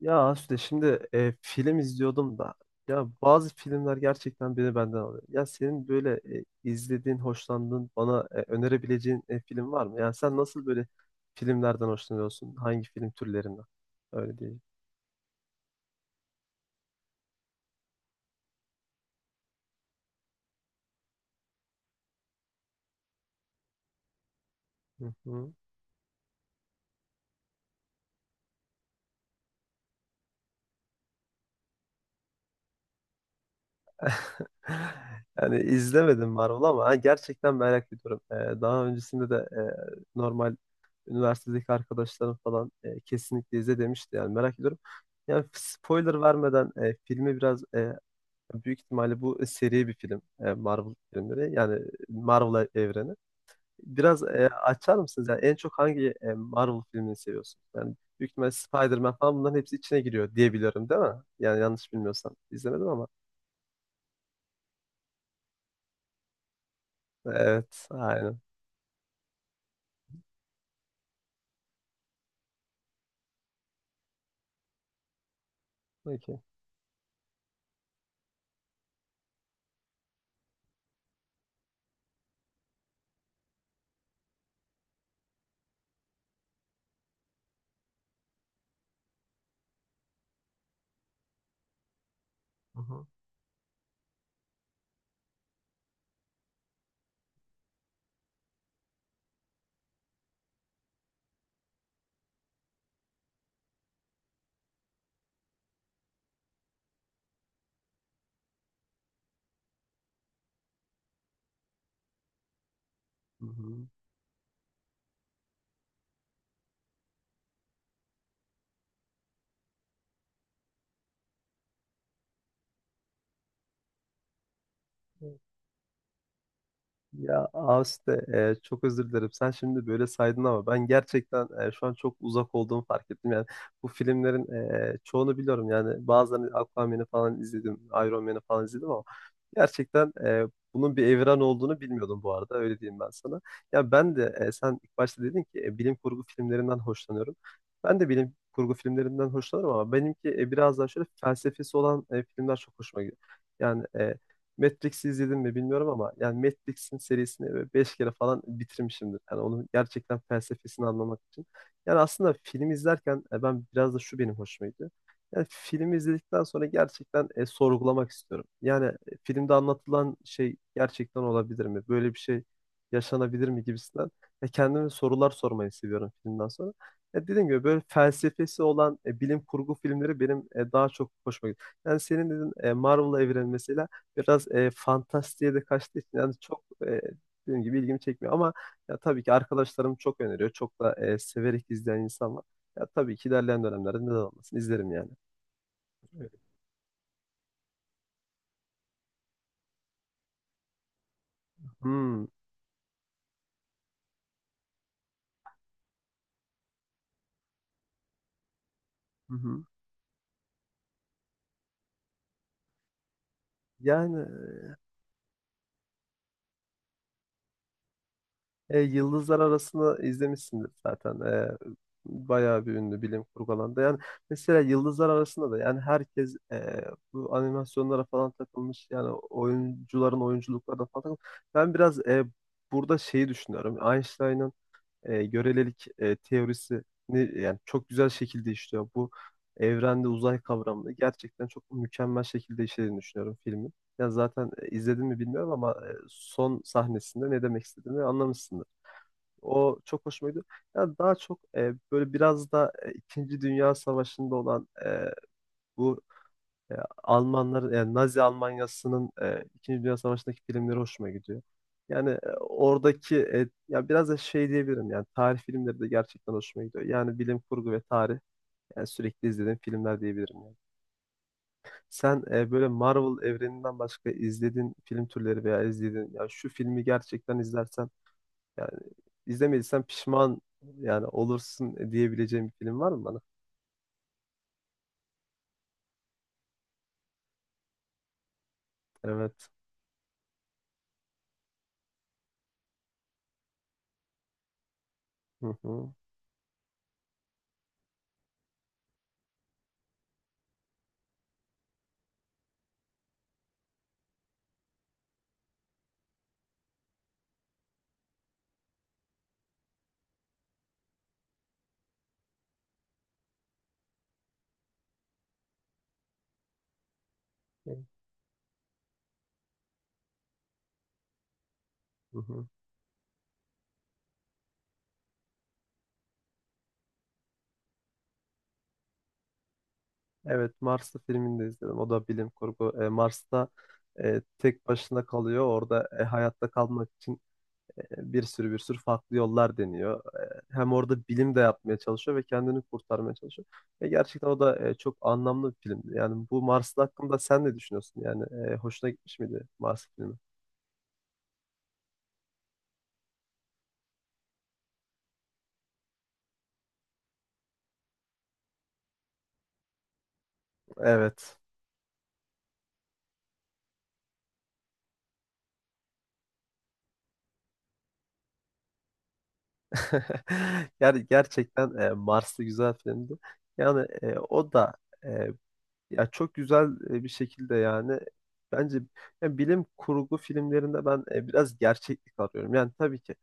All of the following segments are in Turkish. Ya Asude şimdi film izliyordum da ya bazı filmler gerçekten beni benden alıyor. Ya senin böyle izlediğin, hoşlandığın, bana önerebileceğin film var mı? Yani sen nasıl böyle filmlerden hoşlanıyorsun? Hangi film türlerinden? Öyle diyeyim. Hı hı. Yani izlemedim Marvel ama ha, gerçekten merak ediyorum. Daha öncesinde de normal üniversitedeki arkadaşlarım falan kesinlikle izle demişti. Yani merak ediyorum. Yani spoiler vermeden filmi biraz büyük ihtimalle bu seri bir film. Marvel filmleri yani Marvel evreni. Biraz açar mısınız? Yani en çok hangi Marvel filmini seviyorsunuz? Yani büyük ihtimalle Spider-Man falan bunların hepsi içine giriyor diye biliyorum, değil mi? Yani yanlış bilmiyorsam. İzlemedim ama. Evet, aynen. Peki. Hı hı. Hı hı. Ya Aste çok özür dilerim. Sen şimdi böyle saydın ama ben gerçekten şu an çok uzak olduğumu fark ettim. Yani bu filmlerin çoğunu biliyorum. Yani bazılarını Aquaman'ı falan izledim, Iron Man'ı falan izledim ama gerçekten bunun bir evren olduğunu bilmiyordum bu arada. Öyle diyeyim ben sana. Ya ben de sen ilk başta dedin ki bilim kurgu filmlerinden hoşlanıyorum. Ben de bilim kurgu filmlerinden hoşlanırım ama benimki biraz daha şöyle felsefesi olan filmler çok hoşuma gidiyor. Yani Matrix'i izledim mi bilmiyorum ama yani Matrix'in serisini böyle beş kere falan bitirmişimdir. Yani onun gerçekten felsefesini anlamak için. Yani aslında film izlerken ben biraz da şu benim hoşuma gidiyor. Yani filmi izledikten sonra gerçekten sorgulamak istiyorum. Yani filmde anlatılan şey gerçekten olabilir mi? Böyle bir şey yaşanabilir mi gibisinden. Kendime sorular sormayı seviyorum filmden sonra. Dediğim gibi böyle felsefesi olan bilim kurgu filmleri benim daha çok hoşuma gidiyor. Yani senin dedin Marvel evreni mesela biraz fantastiğe de kaçtığı için yani çok dediğim gibi ilgimi çekmiyor ama ya tabii ki arkadaşlarım çok öneriyor. Çok da severek izleyen insan var. Ya tabii ki ilerleyen dönemlerde neden olmasın, izlerim yani. Hmm. Hı hı. Yani Yıldızlar Arası'nı izlemişsindir zaten. Bayağı bir ünlü bilim kurgu alanda. Yani mesela Yıldızlar Arası'nda da yani herkes bu animasyonlara falan takılmış. Yani oyuncuların oyunculuklarına falan takılmış. Ben biraz burada şeyi düşünüyorum. Einstein'ın görelilik teorisini yani çok güzel şekilde işliyor. Bu evrende uzay kavramını gerçekten çok mükemmel şekilde işlediğini düşünüyorum filmin. Yani zaten izledin mi bilmiyorum ama son sahnesinde ne demek istediğimi anlamışsındır. O çok hoşuma gidiyor. Yani daha çok böyle biraz da İkinci Dünya Savaşı'nda olan bu e, Almanlar yani Nazi Almanyası'nın İkinci Dünya Savaşı'ndaki filmleri hoşuma gidiyor. Yani oradaki ya biraz da şey diyebilirim yani tarih filmleri de gerçekten hoşuma gidiyor. Yani bilim kurgu ve tarih yani sürekli izlediğim filmler diyebilirim yani. Sen böyle Marvel evreninden başka izlediğin film türleri veya izlediğin ya şu filmi gerçekten izlersen yani izlemediysen pişman yani olursun diyebileceğim bir film var mı bana? Evet. Hı hı. Hı hı. Evet, Marslı filmini de izledim. O da bilim kurgu. Mars'ta tek başına kalıyor. Orada hayatta kalmak için bir sürü farklı yollar deniyor. Hem orada bilim de yapmaya çalışıyor ve kendini kurtarmaya çalışıyor. Ve gerçekten o da çok anlamlı bir filmdi. Yani bu Marslı hakkında sen ne düşünüyorsun? Yani hoşuna gitmiş miydi Mars filmi? Evet. Yani gerçekten Mars'ta güzel filmdi. Yani o da e, ya çok güzel bir şekilde yani bence yani bilim kurgu filmlerinde ben biraz gerçeklik arıyorum. Yani tabii ki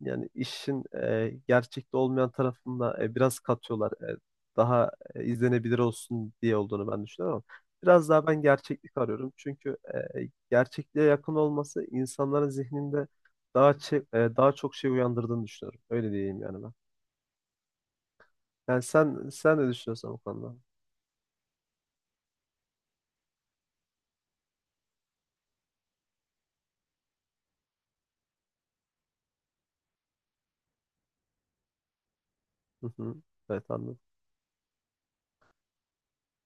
yani işin gerçekte olmayan tarafında biraz katıyorlar. Daha izlenebilir olsun diye olduğunu ben düşünüyorum ama biraz daha ben gerçeklik arıyorum. Çünkü gerçekliğe yakın olması insanların zihninde daha çok şey uyandırdığını düşünüyorum. Öyle diyeyim yani ben. Yani sen ne düşünüyorsun bu konuda? Hı hı. Evet, anladım.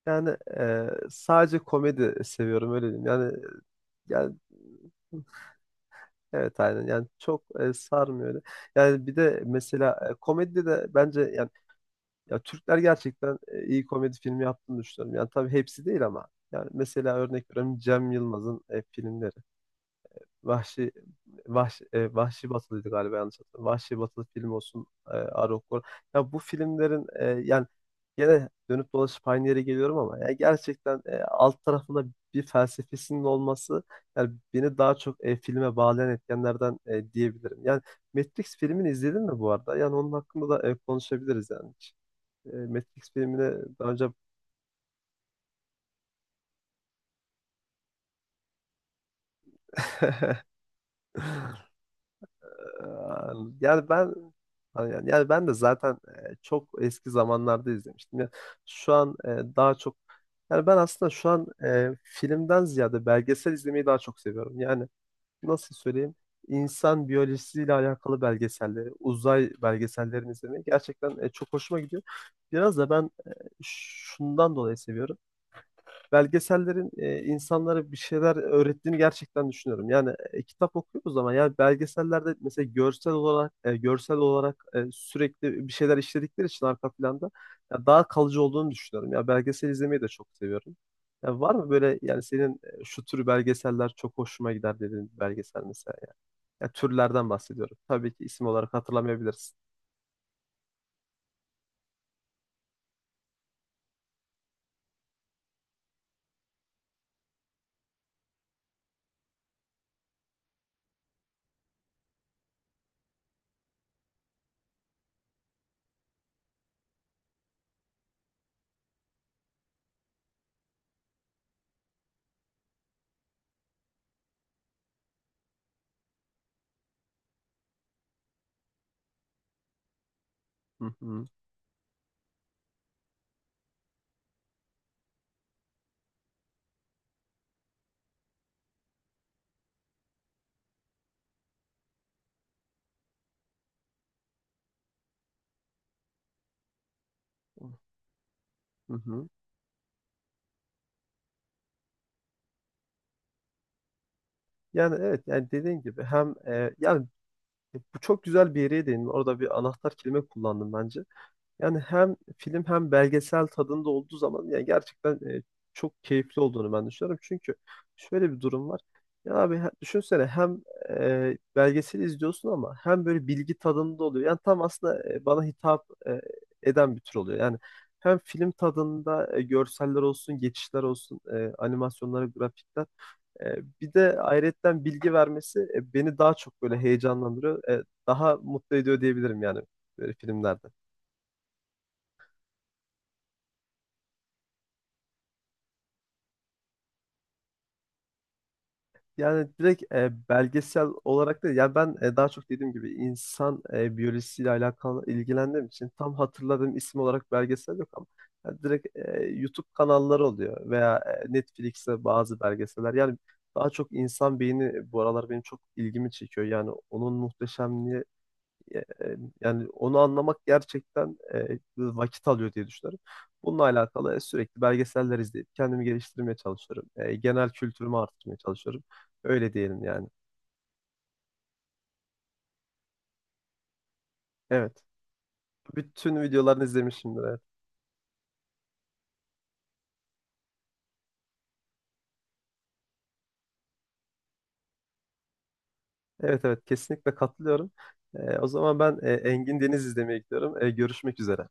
Yani sadece komedi seviyorum, öyle diyeyim. Yani yani evet aynen, yani çok sarmıyor öyle. Yani bir de mesela komedide de bence yani ya Türkler gerçekten iyi komedi filmi yaptığını düşünüyorum. Yani tabii hepsi değil ama yani mesela örnek veriyorum Cem Yılmaz'ın filmleri. Vahşi Vahşi, Vahşi Batılıydı galiba, yanlış hatırlamıyorum. Vahşi Batılı film olsun, Arogor. Ya bu filmlerin yani gene dönüp dolaşıp aynı yere geliyorum ama ya gerçekten alt tarafında bir felsefesinin olması yani beni daha çok filme bağlayan etkenlerden diyebilirim. Yani Matrix filmini izledin mi bu arada? Yani onun hakkında da konuşabiliriz yani. Hiç, Matrix filmini daha önce Ee, yani ben yani ben de zaten çok eski zamanlarda izlemiştim. Yani şu an daha çok yani ben aslında şu an filmden ziyade belgesel izlemeyi daha çok seviyorum. Yani nasıl söyleyeyim? İnsan biyolojisiyle alakalı belgeselleri, uzay belgesellerini izlemeyi gerçekten çok hoşuma gidiyor. Biraz da ben şundan dolayı seviyorum, belgesellerin insanlara bir şeyler öğrettiğini gerçekten düşünüyorum. Yani kitap okuyoruz ama yani belgesellerde mesela görsel olarak sürekli bir şeyler işledikleri için arka planda ya daha kalıcı olduğunu düşünüyorum. Ya belgesel izlemeyi de çok seviyorum. Ya var mı böyle yani senin şu tür belgeseller çok hoşuma gider dediğin bir belgesel mesela? Ya türlerden bahsediyorum. Tabii ki isim olarak hatırlamayabilirsin. Hı hı. Hı hı. Yani evet, yani dediğin gibi hem bu çok güzel bir yere değindin. Orada bir anahtar kelime kullandım bence. Yani hem film hem belgesel tadında olduğu zaman yani gerçekten çok keyifli olduğunu ben düşünüyorum. Çünkü şöyle bir durum var. Düşünsene, hem belgeseli izliyorsun ama hem böyle bilgi tadında oluyor. Yani tam aslında bana hitap eden bir tür oluyor. Yani hem film tadında görseller olsun, geçişler olsun, animasyonlar, grafikler. Bir de ayrıyetten bilgi vermesi beni daha çok böyle heyecanlandırıyor. Daha mutlu ediyor diyebilirim yani böyle filmlerde. Yani direkt belgesel olarak da yani ben daha çok dediğim gibi insan biyolojisiyle alakalı ilgilendiğim için tam hatırladığım isim olarak belgesel yok ama yani direkt YouTube kanalları oluyor veya Netflix'te bazı belgeseller. Yani daha çok insan beyni bu aralar benim çok ilgimi çekiyor. Yani onun muhteşemliği yani onu anlamak gerçekten vakit alıyor diye düşünüyorum. Bununla alakalı sürekli belgeseller izleyip kendimi geliştirmeye çalışıyorum. Genel kültürümü artırmaya çalışıyorum. Öyle diyelim yani. Evet. Bütün videolarını izlemişimdir. Evet, evet, evet, kesinlikle katılıyorum. O zaman ben Engin Deniz izlemeye gidiyorum. Görüşmek üzere.